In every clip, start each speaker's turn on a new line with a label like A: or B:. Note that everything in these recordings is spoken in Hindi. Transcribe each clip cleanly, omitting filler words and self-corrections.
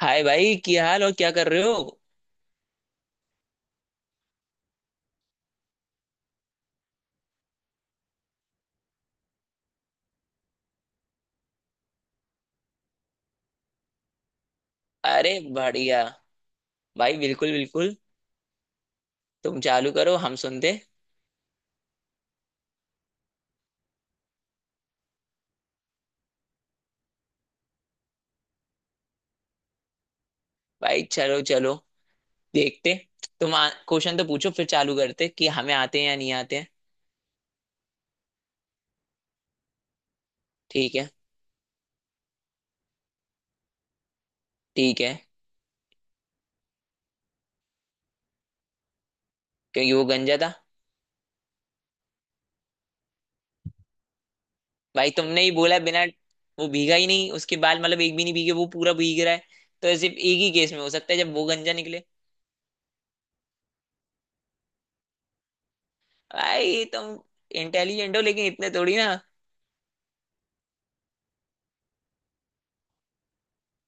A: हाय भाई, क्या हाल और क्या कर रहे हो। अरे बढ़िया। भाई बिल्कुल बिल्कुल, तुम चालू करो हम सुनते। भाई चलो चलो, देखते। तुम क्वेश्चन तो पूछो फिर चालू करते कि हमें आते हैं या नहीं आते हैं। ठीक है। ठीक है। क्योंकि वो गंजा था। भाई तुमने ही बोला बिना, वो भीगा ही नहीं। उसके बाल मतलब एक भी नहीं भीगे, वो पूरा भीग रहा है, तो सिर्फ एक ही केस में हो सकता है जब वो गंजा निकले। भाई तुम इंटेलिजेंट हो लेकिन इतने थोड़ी ना।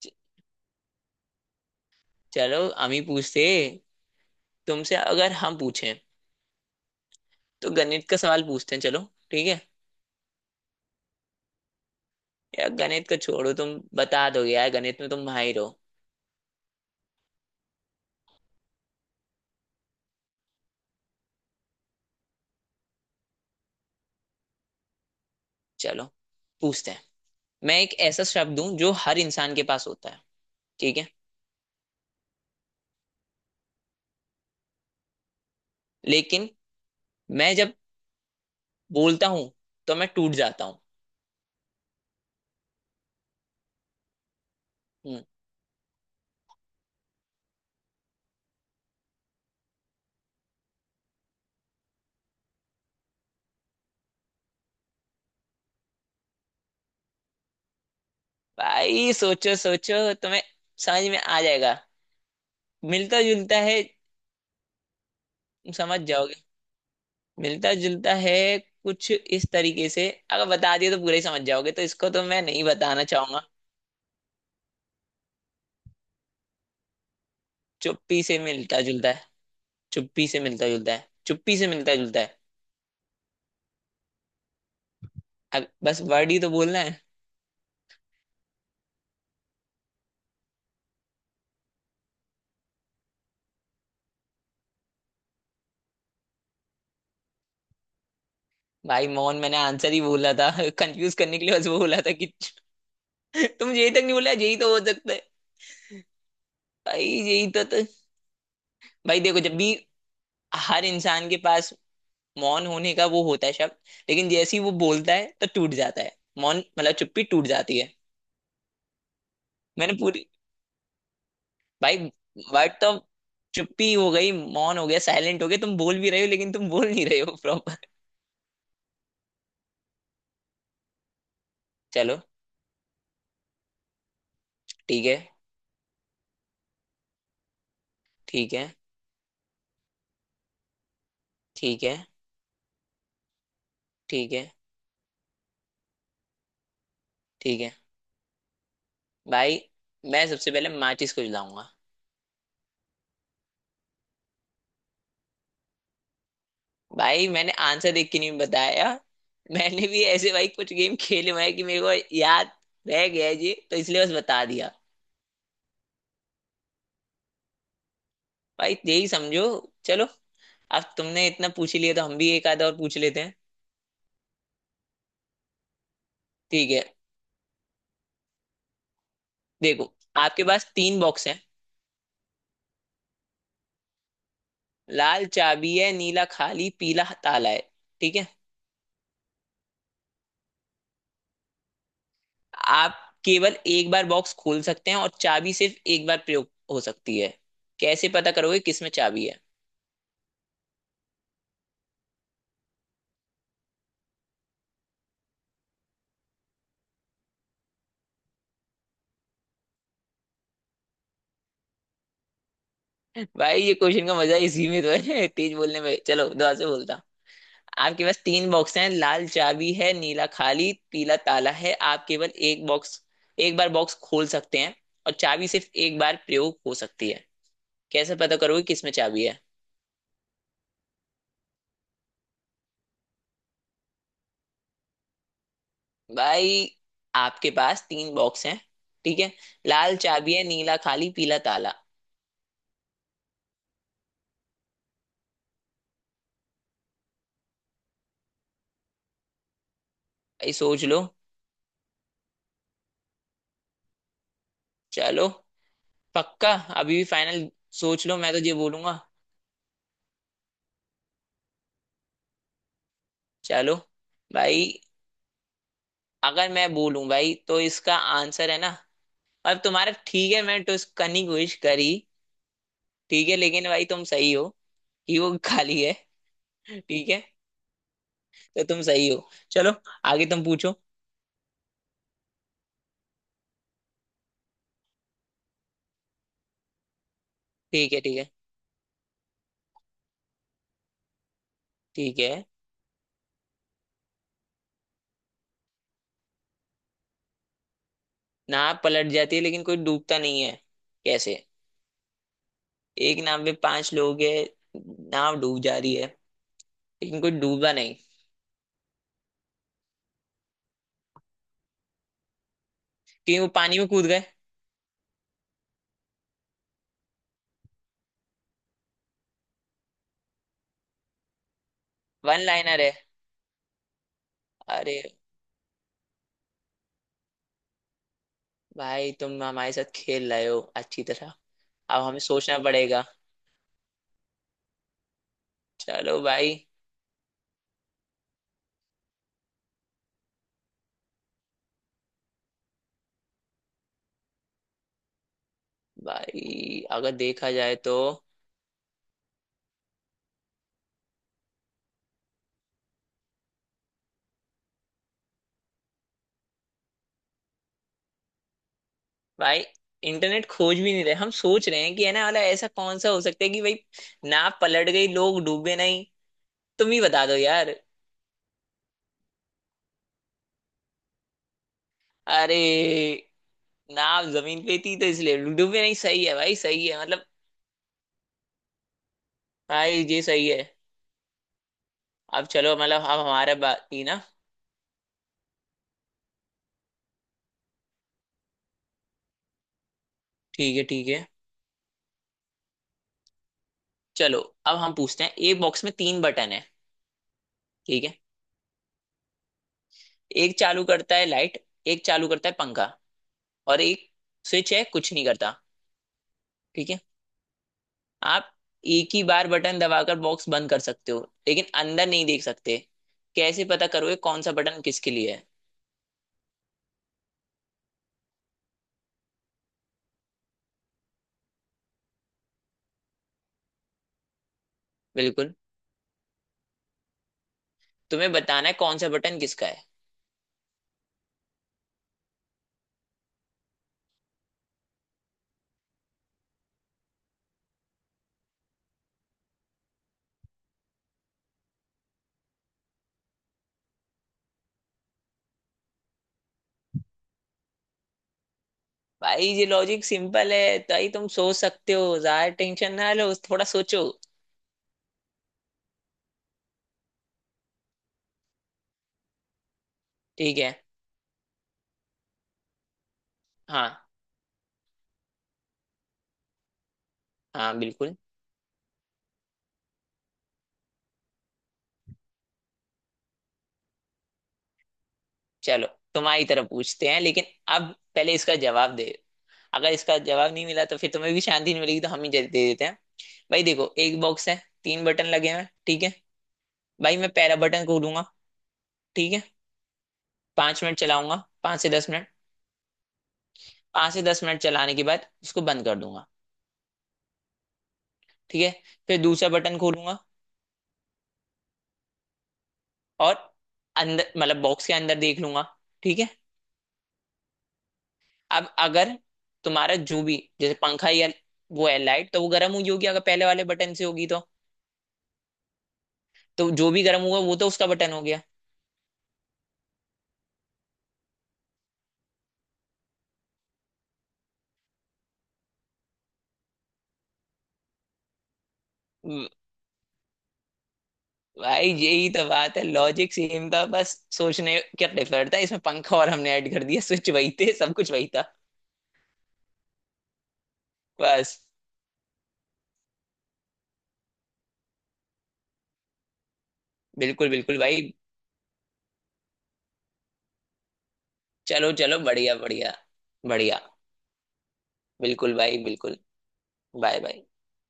A: च- चलो हम ही पूछते। तुमसे अगर हम पूछें तो गणित का सवाल पूछते हैं, चलो। ठीक है। यार गणित का छोड़ो, तुम बता दोगे यार, गणित में तुम माहिर हो। चलो पूछते हैं। मैं एक ऐसा शब्द हूं जो हर इंसान के पास होता है, ठीक है। लेकिन मैं जब बोलता हूँ तो मैं टूट जाता हूँ। हम्म, भाई सोचो सोचो, तुम्हें समझ में आ जाएगा। मिलता जुलता है। समझ जाओगे। मिलता जुलता है। कुछ इस तरीके से अगर बता दिया तो पूरा ही समझ जाओगे, तो इसको तो मैं नहीं बताना चाहूंगा। चुप्पी से मिलता जुलता है। चुप्पी से मिलता जुलता है। चुप्पी से मिलता जुलता है। अब बस वर्ड ही तो बोलना है। भाई मोहन, मैंने आंसर ही बोला था कंफ्यूज करने के लिए बस बोला था कि तुम यही तक नहीं बोला यही तो हो सकता है। भाई यही तो। भाई देखो, जब भी हर इंसान के पास मौन होने का वो होता है शब्द, लेकिन जैसे ही वो बोलता है तो टूट जाता है। मौन मतलब चुप्पी टूट जाती है। मैंने पूरी। भाई वर्ड तो चुप्पी हो गई, मौन हो गया, साइलेंट हो गया। तुम बोल भी रहे हो लेकिन तुम बोल नहीं रहे हो प्रॉपर। चलो। ठीक है। ठीक है। ठीक है। ठीक है। ठीक है। भाई मैं सबसे पहले माचिस को जलाऊंगा। भाई मैंने आंसर देख के नहीं बताया। मैंने भी ऐसे भाई कुछ गेम खेले हुए हैं कि मेरे को याद रह गया है जी, तो इसलिए बस बता दिया। भाई यही समझो। चलो, अब तुमने इतना पूछ ही लिया तो हम भी एक आधा और पूछ लेते हैं। ठीक है, देखो। आपके पास तीन बॉक्स हैं। लाल चाबी है, नीला खाली, पीला ताला है। ठीक है। आप केवल एक बार बॉक्स खोल सकते हैं और चाबी सिर्फ एक बार प्रयोग हो सकती है। कैसे पता करोगे किसमें चाबी है। भाई ये क्वेश्चन का मजा इसी में तो है तेज बोलने में, चलो दोबारा से बोलता हूँ। आपके पास तीन बॉक्स हैं, लाल चाबी है नीला खाली पीला ताला है। आप केवल एक बॉक्स, एक बार बॉक्स खोल सकते हैं और चाबी सिर्फ एक बार प्रयोग हो सकती है। कैसे पता करोगे किसमें चाबी है। भाई आपके पास तीन बॉक्स हैं, ठीक है। लाल चाबी है, नीला खाली, पीला ताला। भाई सोच लो। चलो, पक्का। अभी भी फाइनल, सोच लो, मैं तो ये बोलूंगा। चलो भाई, अगर मैं बोलूं भाई तो इसका आंसर है ना। अब तुम्हारा, ठीक है, मैं टुस करनी की कोशिश करी। ठीक है, लेकिन भाई तुम सही हो कि वो खाली है। ठीक है, तो तुम सही हो। चलो आगे, तुम पूछो। ठीक है। ठीक है। ठीक है। नाव पलट जाती है लेकिन कोई डूबता नहीं है, कैसे। एक नाव में पांच लोग है, नाव डूब जा रही है लेकिन कोई डूबा नहीं। क्योंकि वो पानी में कूद गए। वन लाइनर है। अरे भाई तुम हमारे साथ खेल रहे हो अच्छी तरह। अब हमें सोचना पड़ेगा। चलो भाई। भाई अगर देखा जाए तो, भाई इंटरनेट खोज भी नहीं रहे, हम सोच रहे हैं कि है ना वाला, ऐसा कौन सा हो सकता है कि भाई नाव पलट गई लोग डूबे नहीं। तुम ही बता दो यार। अरे, नाव जमीन पे थी तो इसलिए डूबे नहीं, सही है भाई, सही है मतलब। भाई ये सही है। अब चलो मतलब, अब हमारा बात थी ना। ठीक है। ठीक है। चलो, अब हम पूछते हैं। एक बॉक्स में तीन बटन है, ठीक है। एक चालू करता है लाइट, एक चालू करता है पंखा, और एक स्विच है कुछ नहीं करता। ठीक है। आप एक ही बार बटन दबाकर बॉक्स बंद कर सकते हो, लेकिन अंदर नहीं देख सकते। कैसे पता करोगे कौन सा बटन किसके लिए है। बिल्कुल। तुम्हें बताना है कौन सा बटन किसका है। भाई ये लॉजिक सिंपल है, ताई तुम सोच सकते हो, ज्यादा टेंशन ना लो, थोड़ा सोचो। ठीक है। हाँ हाँ बिल्कुल। चलो तुम्हारी तरफ पूछते हैं, लेकिन अब पहले इसका जवाब दे। अगर इसका जवाब नहीं मिला तो फिर तुम्हें भी शांति नहीं मिलेगी, तो हम ही दे दे देते हैं। भाई देखो, एक बॉक्स है, तीन बटन लगे हैं, ठीक है। भाई मैं पहला बटन खोलूंगा, ठीक है। पांच मिनट चलाऊंगा, पांच से दस मिनट। पांच से दस मिनट चलाने के बाद इसको बंद कर दूंगा। ठीक है, फिर दूसरा बटन खोलूंगा, और अंदर मतलब बॉक्स के अंदर देख लूंगा। ठीक है। अब अगर तुम्हारा जो भी जैसे पंखा या वो है लाइट, तो वो गर्म हुई होगी अगर पहले वाले बटन से होगी तो जो भी गर्म हुआ वो तो उसका बटन हो गया। म, भाई यही तो बात है। लॉजिक सेम था बस सोचने का डिफर था। इसमें पंखा और हमने ऐड कर दिया, स्विच वही थे, सब कुछ वही था बस। बिल्कुल बिल्कुल भाई। चलो चलो, बढ़िया बढ़िया। बढ़िया। बिल्कुल भाई बिल्कुल। Bye bye.